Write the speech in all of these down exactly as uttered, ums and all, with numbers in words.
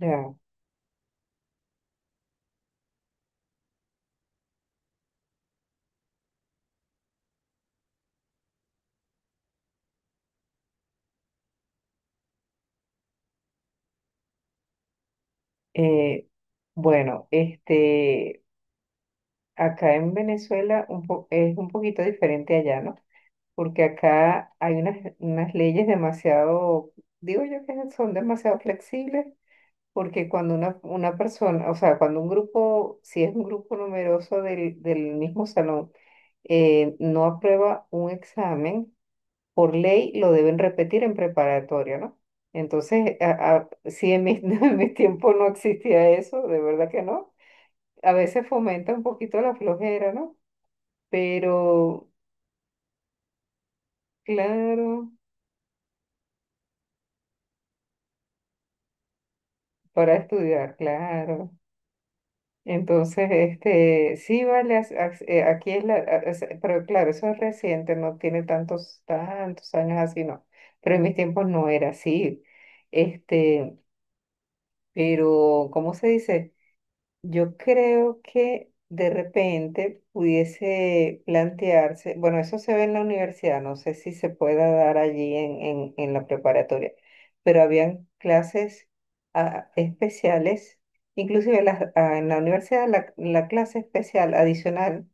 Ya, eh, bueno, este, acá en Venezuela un po- es un poquito diferente allá, ¿no? Porque acá hay unas, unas leyes demasiado, digo yo que son demasiado flexibles, porque cuando una, una persona, o sea, cuando un grupo, si es un grupo numeroso del, del mismo salón, eh, no aprueba un examen, por ley lo deben repetir en preparatoria, ¿no? Entonces, a- a- si en mi, en mi tiempo no existía eso, de verdad que no. A veces fomenta un poquito la flojera, ¿no? Pero, claro, para estudiar, claro. Entonces, este, sí, vale, as- as- eh, aquí es la, a- es- pero claro, eso es reciente, no tiene tantos, tantos años así, no. Pero en mis tiempos no era así. Este, pero, ¿cómo se dice? Yo creo que de repente pudiese plantearse, bueno, eso se ve en la universidad, no sé si se pueda dar allí en, en, en la preparatoria, pero habían clases ah, especiales, inclusive las- ah, en la universidad la, la clase especial adicional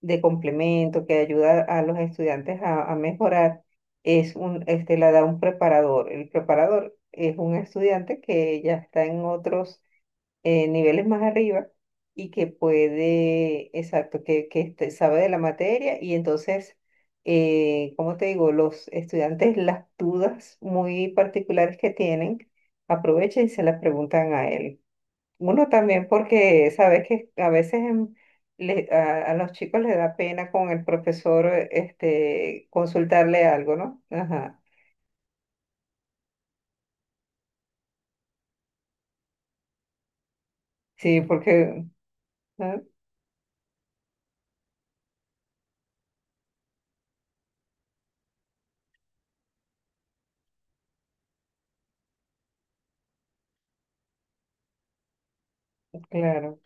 de complemento que ayuda a los estudiantes a, a mejorar es un, este, la da un preparador. El preparador es un estudiante que ya está en otros eh, niveles más arriba y que puede, exacto, que, que este- sabe de la materia y entonces, eh, como te digo, los estudiantes las dudas muy particulares que tienen, aprovechan y se las preguntan a él. Uno también porque sabes que a veces en- le- a, a los chicos les da pena con el profesor eh, este, consultarle algo, ¿no? Ajá. Sí, porque, ah, claro,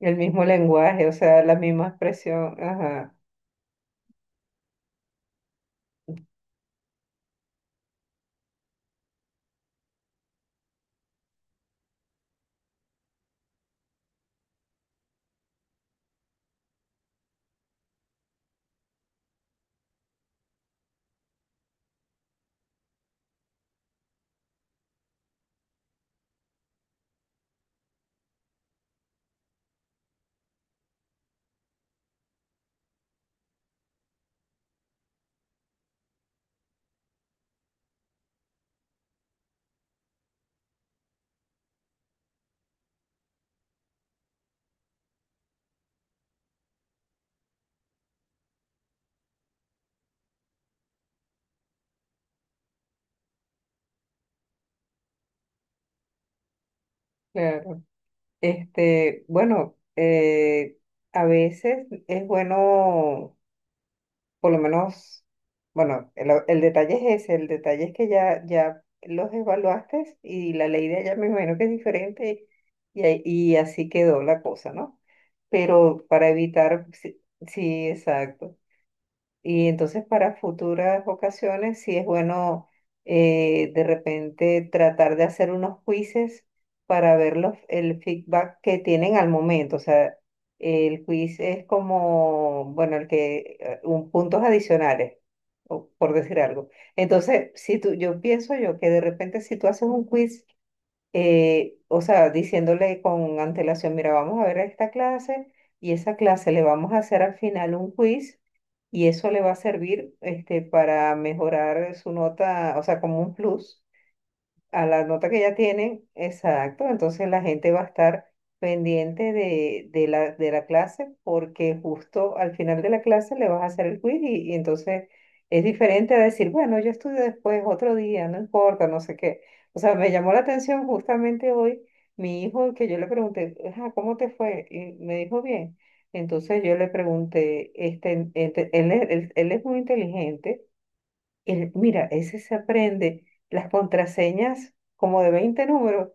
el mismo lenguaje, o sea, la misma expresión, ajá. Claro. Este, bueno, eh, a veces es bueno, por lo menos, bueno, el, el detalle es ese, el detalle es que ya, ya los evaluaste y la ley de allá me imagino que es diferente y, ahí- y así quedó la cosa, ¿no? Pero para evitar, sí, sí, exacto. Y entonces para futuras ocasiones sí es bueno, eh, de repente tratar de hacer unos quizzes para ver los, el feedback que tienen al momento. O sea, el quiz es como, bueno, el que, eh, un puntos adicionales, o por decir algo. Entonces, si tú, yo pienso yo que de repente si tú haces un quiz, eh, o sea, diciéndole con antelación, mira, vamos a ver esta clase y esa clase le vamos a hacer al final un quiz y eso le va a servir, este, para mejorar su nota, o sea, como un plus a la nota que ya tienen, exacto, entonces la gente va a estar pendiente de, de la, de la clase porque justo al final de la clase le vas a hacer el quiz y, y entonces es diferente a decir, bueno, yo estudio después, otro día, no importa, no sé qué. O sea, me llamó la atención justamente hoy mi hijo que yo le pregunté, "Ajá, ¿cómo te fue?" Y me dijo bien. Entonces yo le pregunté, este, ente- él, es- él él es muy inteligente. El- mira, ese se aprende las contraseñas como de veinte números.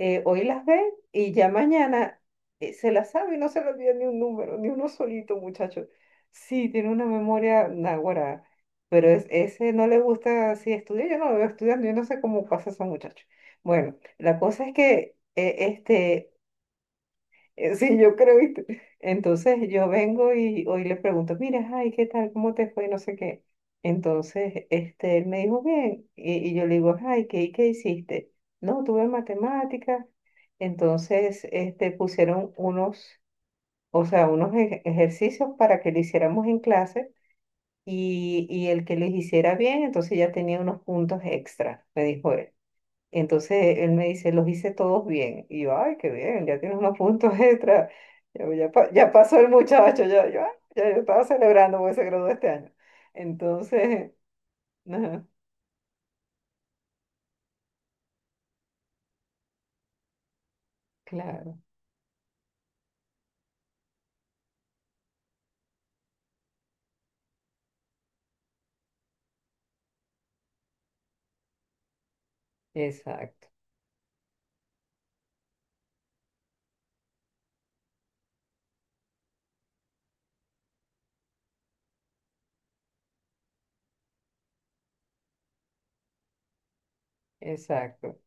eh, Hoy las ve y ya mañana eh, se las sabe y no se le olvida ni un número, ni uno solito, muchacho. Sí, tiene una memoria náguara, pero es, ese no le gusta así estudiar. Yo no lo veo estudiando, yo no sé cómo pasa a esos muchachos. Bueno, la cosa es que eh, este, eh, sí, yo creo, ¿viste? Entonces yo vengo y hoy le pregunto, mira, ay, ¿qué tal? ¿Cómo te fue? No sé qué. Entonces, este, él me dijo, bien, y, y yo le digo, ay, ¿qué, ¿qué hiciste? No, tuve matemáticas, entonces, este, pusieron unos, o sea, unos ej- ejercicios para que lo hiciéramos en clase y, y el que los hiciera bien, entonces ya tenía unos puntos extra, me dijo él. Entonces él me dice, los hice todos bien. Y yo, ay, qué bien, ya tienes unos puntos extra. Yo, ya, pa- ya pasó el muchacho, ya, yo, "Ah, ya", yo estaba celebrando porque se graduó este año. Entonces, ajá, claro, exacto, exacto,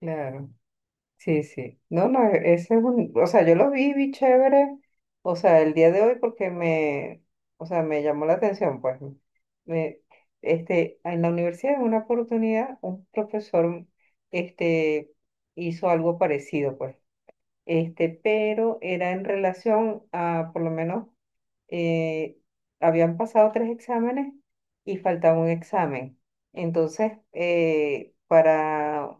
claro. Sí, sí. No, no, e- ese es un, o sea, yo lo vi, vi chévere, o sea, el día de hoy porque me, o sea, me llamó la atención, pues. Me, este, en la universidad en una oportunidad un profesor, este, hizo algo parecido, pues. Este, pero era en relación a, por lo menos, eh, habían pasado tres exámenes y faltaba un examen. Entonces, eh, para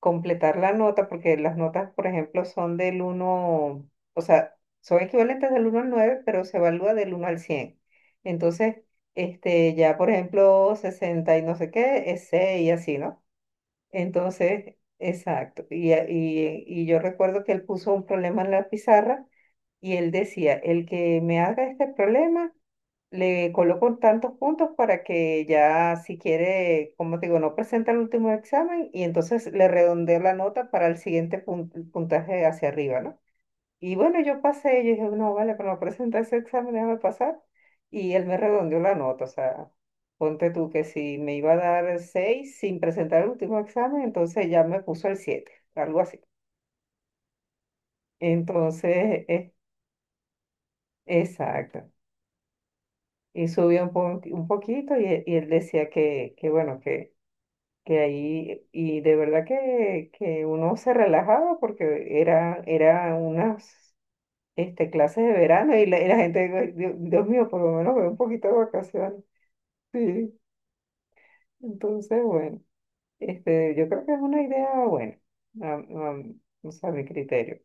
completar la nota, porque las notas, por ejemplo, son del uno, o sea, son equivalentes del uno al nueve pero se evalúa del uno al cien. Entonces, este, ya, por ejemplo, sesenta y no sé qué, es seis y así, ¿no? Entonces, exacto. Y, a- y, y yo recuerdo que él puso un problema en la pizarra y él decía, el que me haga este problema le coloco tantos puntos para que ya si quiere, como te digo, no presenta el último examen y entonces le redondeo la nota para el siguiente pun- puntaje hacia arriba, ¿no? Y bueno, yo pasé, yo dije, no, vale, pero no presenta ese examen, déjame pasar. Y él me redondeó la nota, o sea, ponte tú que si me iba a dar el seis sin presentar el último examen, entonces ya me puso el siete, algo así. Entonces, eh, exacto. Y subió un, po- un poquito y, e- y él decía que, que bueno, que que ahí, y de verdad que, que uno se relajaba porque era, era unas, este, clases de verano y la, y la gente, Dios, Dios mío, por lo menos veo un poquito de vacaciones. Sí, entonces, bueno, este, yo creo que es una idea buena, a, a- o sea, a mi criterio.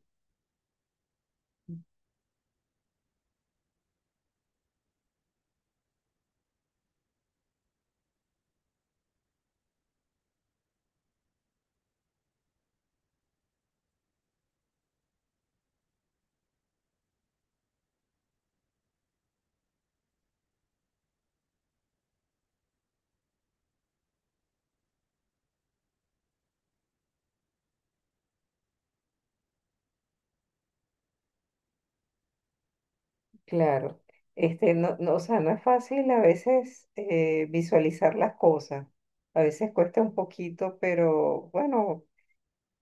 Claro, este, no, no, o sea, no es fácil a veces eh, visualizar las cosas. A veces cuesta un poquito, pero bueno.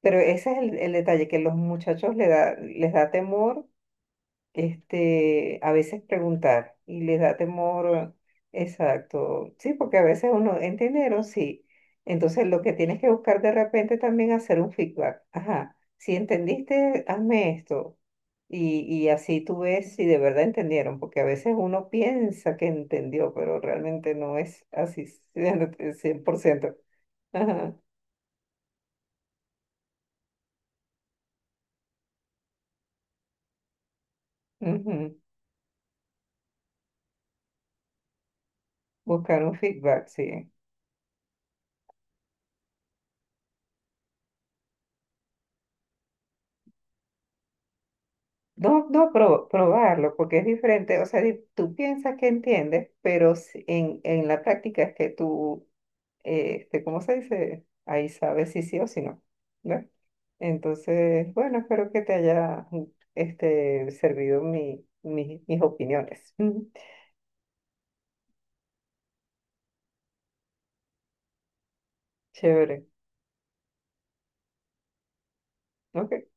Pero ese es el, el detalle, que los muchachos le da, les da temor, este, a veces preguntar, y les da temor, exacto, sí, porque a veces uno, entendieron sí. Entonces lo que tienes que buscar de repente también hacer un feedback. Ajá, si entendiste, hazme esto. Y, y así tú ves si de verdad entendieron, porque a veces uno piensa que entendió, pero realmente no es así. Cien por ciento. Ajá. Ujú. Buscar un feedback, sí. No, no, pro- probarlo, porque es diferente. O sea, di- tú piensas que entiendes, pero si- en, en la práctica es que tú, eh, este, ¿cómo se dice? Ahí sabes si sí o si no, ¿no? Entonces, bueno, espero que te haya, este, servido mi, mi- mis opiniones. Chévere. Ok.